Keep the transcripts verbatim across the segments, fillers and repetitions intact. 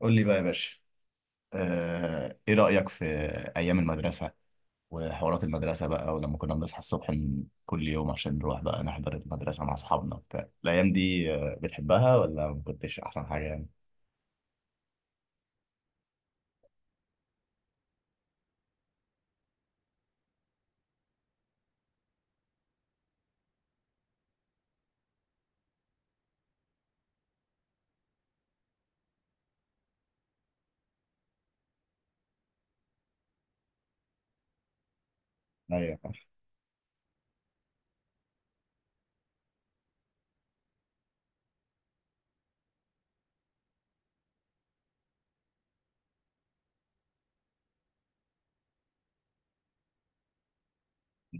قول لي بقى يا باشا. آه، ايه رأيك في ايام المدرسة وحوارات المدرسة بقى ولما كنا بنصحى الصبح من كل يوم عشان نروح بقى نحضر المدرسة مع اصحابنا وبتاع الايام دي، آه، بتحبها ولا ما كنتش احسن حاجة يعني؟ ايوه.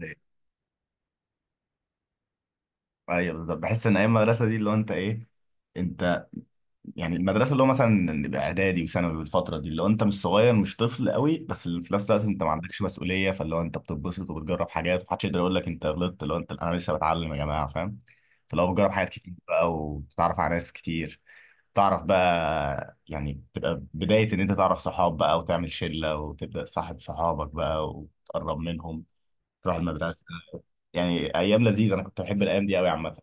ايوه. أيوة بالظبط، بحس ان ايام المدرسة دي اللي هو انت ايه، انت يعني المدرسه اللي هو مثلا نبقى اعدادي وثانوي، والفتره دي لو انت مش صغير مش طفل قوي بس اللي في نفس الوقت انت ما عندكش مسؤوليه، فاللي هو انت بتتبسط وبتجرب حاجات ومحدش يقدر يقول لك انت غلطت لو انت، انا لسه بتعلم يا جماعه، فاهم؟ فاللي هو بتجرب حاجات كتير بقى وتتعرف على ناس كتير، تعرف بقى، يعني تبقى بدايه ان انت تعرف صحاب بقى وتعمل شله وتبدا تصاحب صحابك بقى وتقرب منهم، تروح المدرسه. يعني ايام لذيذه، انا كنت بحب الايام دي قوي عامه.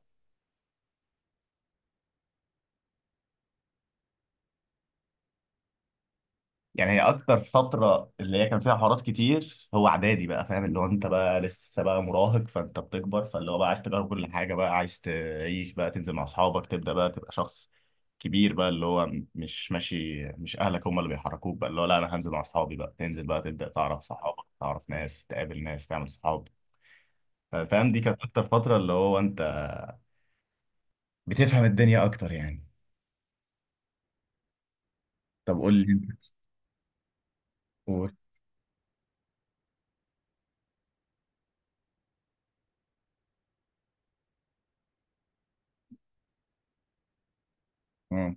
يعني هي اكتر فتره اللي هي كان فيها حوارات كتير هو اعدادي بقى، فاهم؟ اللي هو انت بقى لسه بقى مراهق فانت بتكبر، فاللي هو بقى عايز تجرب كل حاجه بقى، عايز تعيش بقى، تنزل مع اصحابك، تبدا بقى تبقى شخص كبير بقى، اللي هو مش ماشي مش اهلك هم اللي بيحركوك بقى، اللي هو لا انا هنزل مع اصحابي بقى، تنزل بقى تبدا تعرف صحابك، تعرف ناس، تقابل ناس، تعمل صحاب، فاهم؟ دي كانت اكتر فتره اللي هو انت بتفهم الدنيا اكتر يعني. طب قول لي انت. قول. مم.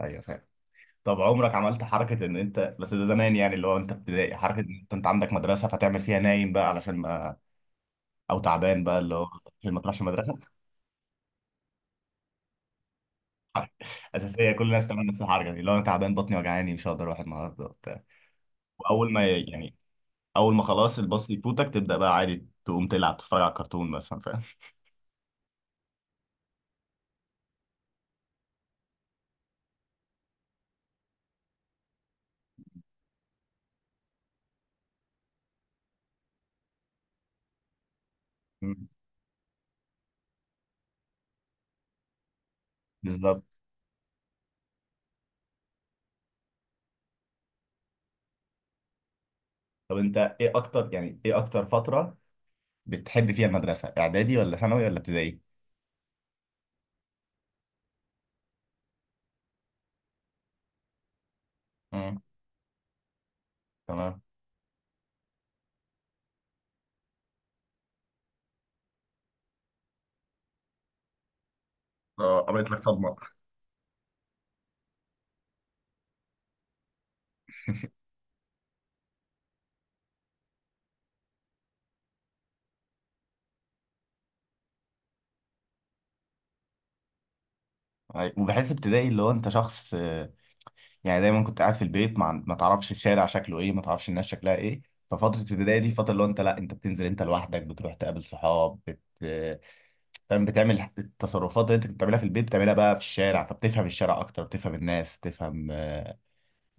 ايوه فاهم. طب عمرك عملت حركة ان انت، بس ده زمان يعني، اللي هو انت ابتدائي، حركة ان انت، أنت عندك مدرسة فتعمل فيها نايم بقى علشان ما، او تعبان بقى اللي هو عشان ما تروحش المدرسة؟ حركة اساسية كل الناس تعمل نفس الحركة دي، اللي هو انا تعبان بطني وجعاني مش هقدر اروح النهاردة وبتاع، واول ما يعني اول ما خلاص الباص يفوتك تبدأ بقى عادي تقوم تلعب تتفرج على كرتون مثلا، فاهم؟ مم. بالظبط. طب انت ايه اكتر، يعني ايه اكتر فترة بتحب فيها المدرسة؟ اعدادي ولا ثانوي ولا ابتدائي؟ مم. تمام. آه، قابلت لك صدمة. أي- وبحس ابتدائي اللي هو انت شخص، آه، يعني دايما كنت قاعد في البيت، مع ما تعرفش الشارع شكله ايه، ما تعرفش الناس شكلها ايه، ففترة ابتدائي دي فترة اللي هو انت لا انت بتنزل انت لوحدك، بتروح تقابل صحاب بت... آه، فاهم، بتعمل التصرفات اللي انت كنت بتعملها في البيت بتعملها بقى في الشارع، فبتفهم الشارع اكتر، بتفهم الناس، تفهم آه،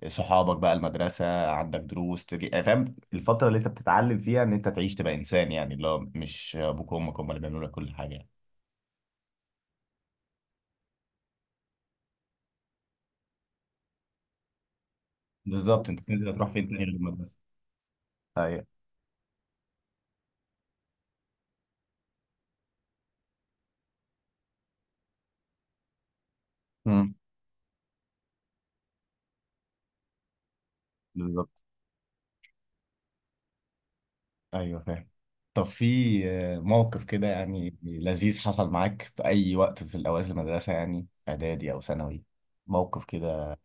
صحابك بقى، المدرسة عندك دروس تجي، يعني فاهم الفترة اللي انت بتتعلم فيها ان انت تعيش تبقى انسان، يعني اللي هو مش ابوك وامك هم اللي بيعملوا لك كل حاجة يعني. بالظبط، انت بتنزل تروح فين تاني غير المدرسة؟ ايوه. امم. بالظبط. ايوه فاهم. طب في آه، موقف كده يعني لذيذ حصل معاك في اي وقت في الاوقات المدرسه؟ يعني اعدادي او ثانوي، موقف كده.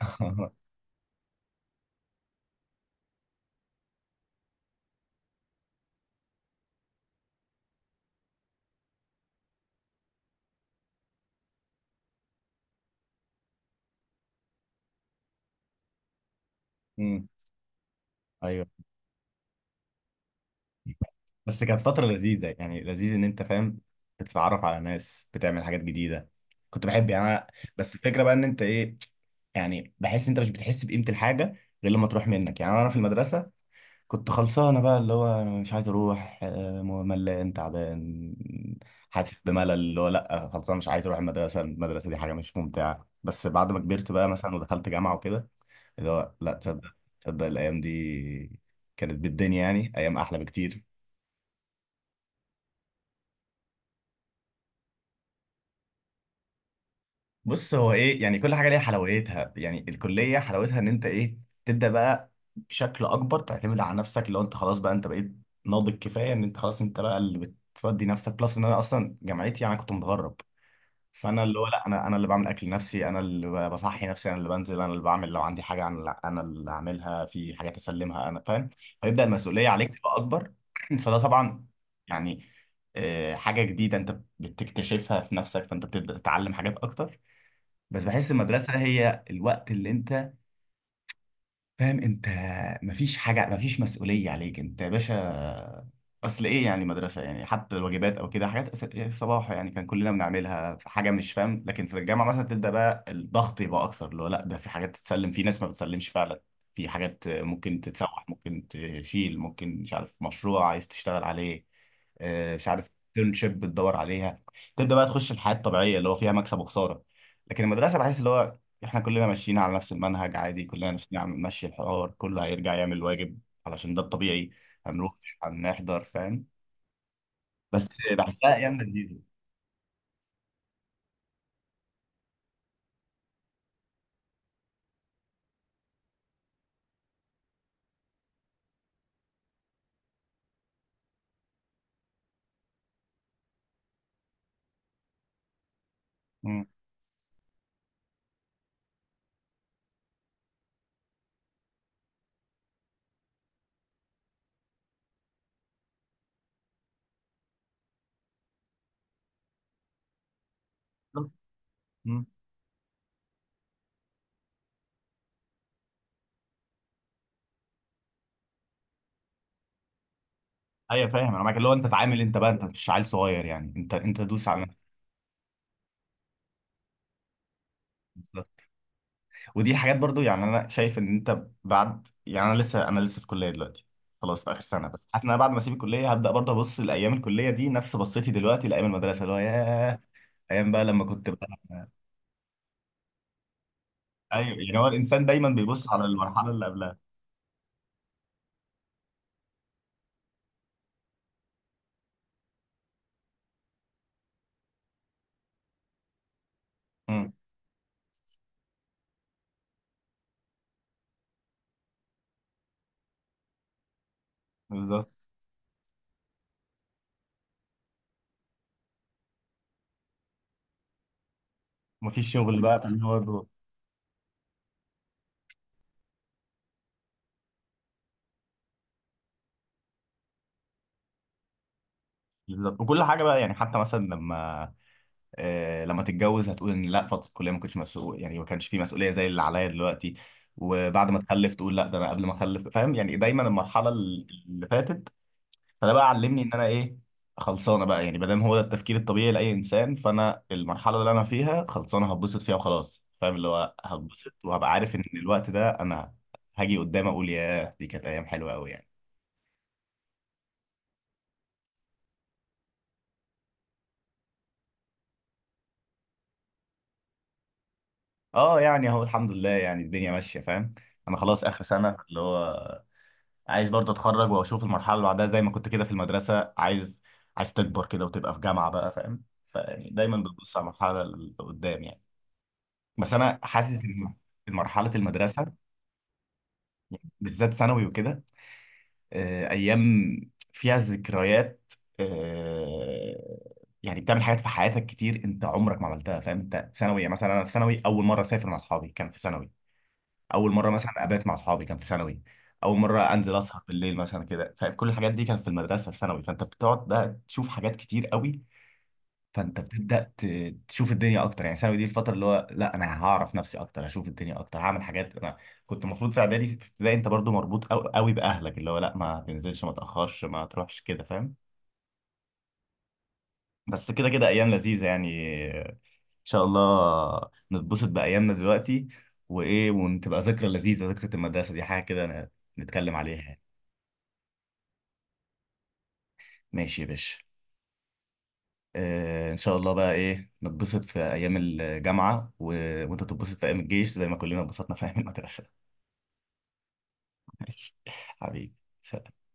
امم. ايوه. بس كانت فتره لذيذه يعني، لذيذ ان انت فاهم بتتعرف على ناس، بتعمل حاجات جديده، كنت بحب يعني أنا- بس الفكره بقى ان انت ايه، يعني بحس انت مش بتحس بقيمه الحاجه غير لما تروح منك، يعني انا في المدرسه كنت خلصانة بقى، اللي هو أنا مش عايز أروح، آه، ملان، تعبان، حاسس بملل، اللي هو لأ خلصانة مش عايز أروح المدرسة، المدرسة دي حاجة مش ممتعة. بس بعد ما كبرت بقى مثلا ودخلت جامعة وكده، اللي هو لأ، تصدق، تصدق الأيام دي كانت بالدنيا، يعني أيام أحلى بكتير. بص، هو ايه، يعني كل حاجه ليها حلاوتها يعني، الكليه حلاوتها ان انت ايه، تبدا بقى بشكل اكبر تعتمد على نفسك، اللي هو انت خلاص بقى انت بقيت ناضج كفايه ان انت خلاص انت بقى اللي بتفضي نفسك، بلس ان انا اصلا جامعتي يعني كنت متغرب، فانا اللي هو لا انا، انا اللي بعمل اكل نفسي، انا اللي بصحي نفسي، انا اللي بنزل، انا اللي بعمل لو عندي حاجه، انا اللي- انا اللي اعملها، في حاجات اسلمها انا، فاهم؟ فيبدا المسؤوليه عليك تبقى اكبر. فده طبعا يعني، آه، حاجه جديده انت بتكتشفها في نفسك، فانت بتبدا تتعلم حاجات اكتر. بس بحس المدرسة هي الوقت اللي انت فاهم انت، مفيش حاجة، مفيش مسؤولية عليك انت يا باشا، اصل ايه يعني مدرسة، يعني حتى الواجبات او كده حاجات أس- إيه صباح يعني كان كلنا بنعملها في حاجة، مش فاهم، لكن في الجامعة مثلا تبدأ بقى الضغط يبقى اكتر، اللي هو لا ده في حاجات تتسلم، في ناس ما بتسلمش فعلا، في حاجات ممكن تتسوح، ممكن تشيل، ممكن مش عارف مشروع عايز تشتغل عليه، آه، مش عارف internship بتدور عليها، تبدأ بقى تخش الحياة الطبيعية اللي هو فيها مكسب وخسارة. لكن المدرسة بحس اللي هو احنا كلنا ماشيين على نفس المنهج عادي، كلنا ماشيين على ماشي، الحوار كله هيرجع يعمل الواجب علشان ده الطبيعي، هنروح، هنحضر، فاهم؟ بس بحسها ايام لذيذه. مم. مم. ايوه فاهم، انا معاك اللي هو انت تعامل انت بقى، انت مش عيل صغير يعني، انت انت دوس على نفسك. بالظبط. ودي حاجات برضو يعني انا شايف ان انت بعد، يعني انا لسه انا لسه في كليه دلوقتي خلاص، في اخر سنه، بس حاسس ان انا بعد ما اسيب الكليه هبدا برضه ابص لايام الكليه دي نفس بصيتي دلوقتي لايام المدرسه، اللي هو ياه، ايام بقى لما كنت. ايوه يعني هو الانسان دايما بيبص على المرحله اللي قبلها. امم. بالظبط. مفيش شغل بقى فاللي هو الروح. بالظبط، وكل حاجه بقى يعني حتى مثلا لما، آه لما تتجوز هتقول ان لا فتره الكليه ما كنتش مسؤول يعني، ما كانش في مسؤوليه زي اللي عليا دلوقتي. وبعد ما تخلف تقول لا ده انا قبل ما اخلف، فاهم؟ يعني دايما المرحله اللي فاتت، فده بقى علمني ان انا ايه، خلصانه بقى يعني، بدل، هو ده التفكير الطبيعي لاي انسان، فانا المرحله اللي انا فيها خلصانه هتبسط فيها وخلاص، فاهم؟ اللي هو هتبسط وهبقى عارف ان الوقت ده انا هاجي قدام اقول ياه دي كانت ايام حلوه قوي يعني. اه يعني اهو الحمد لله يعني الدنيا ماشيه، فاهم؟ انا خلاص اخر سنه، اللي هو عايز برضه اتخرج واشوف المرحله اللي بعدها، زي ما كنت كده في المدرسه عايز، عايز تكبر كده وتبقى في جامعه بقى، فاهم؟ فيعني دايما بتبص على المرحله اللي قدام يعني. بس انا حاسس ان مرحله المدرسه بالذات ثانوي وكده، آه، ايام فيها ذكريات، آه، يعني بتعمل حاجات في حياتك كتير انت عمرك ما عملتها، فاهم؟ انت في ثانوي يعني، مثلا انا في ثانوي اول مره اسافر مع اصحابي كان في ثانوي، اول مره مثلا ابات مع اصحابي كان في ثانوي، اول مره انزل اسهر بالليل مثلا كده، فاهم؟ كل الحاجات دي كانت في المدرسه في ثانوي، فانت بتقعد بقى تشوف حاجات كتير قوي، فانت بتبدا ت- تشوف الدنيا اكتر يعني، ثانوي دي الفتره اللي هو لا انا هعرف نفسي اكتر، هشوف الدنيا اكتر، هعمل حاجات انا كنت المفروض في اعدادي في ابتدائي، انت برضو مربوط قوي قوي باهلك، اللي هو لا ما تنزلش، ما تاخرش، ما تروحش كده، فاهم؟ بس كده كده ايام لذيذه يعني. ان شاء الله نتبسط بايامنا دلوقتي، وايه، وتبقى ذكرى لذيذه، ذكرى المدرسه دي حاجه كده ن- نتكلم عليها يعني. ماشي يا باشا. آه ان شاء الله بقى ايه، نتبسط في ايام الجامعه و... وانت تتبسط في ايام الجيش زي ما كلنا اتبسطنا في ايام المدرسه. ماشي حبيبي، سلام.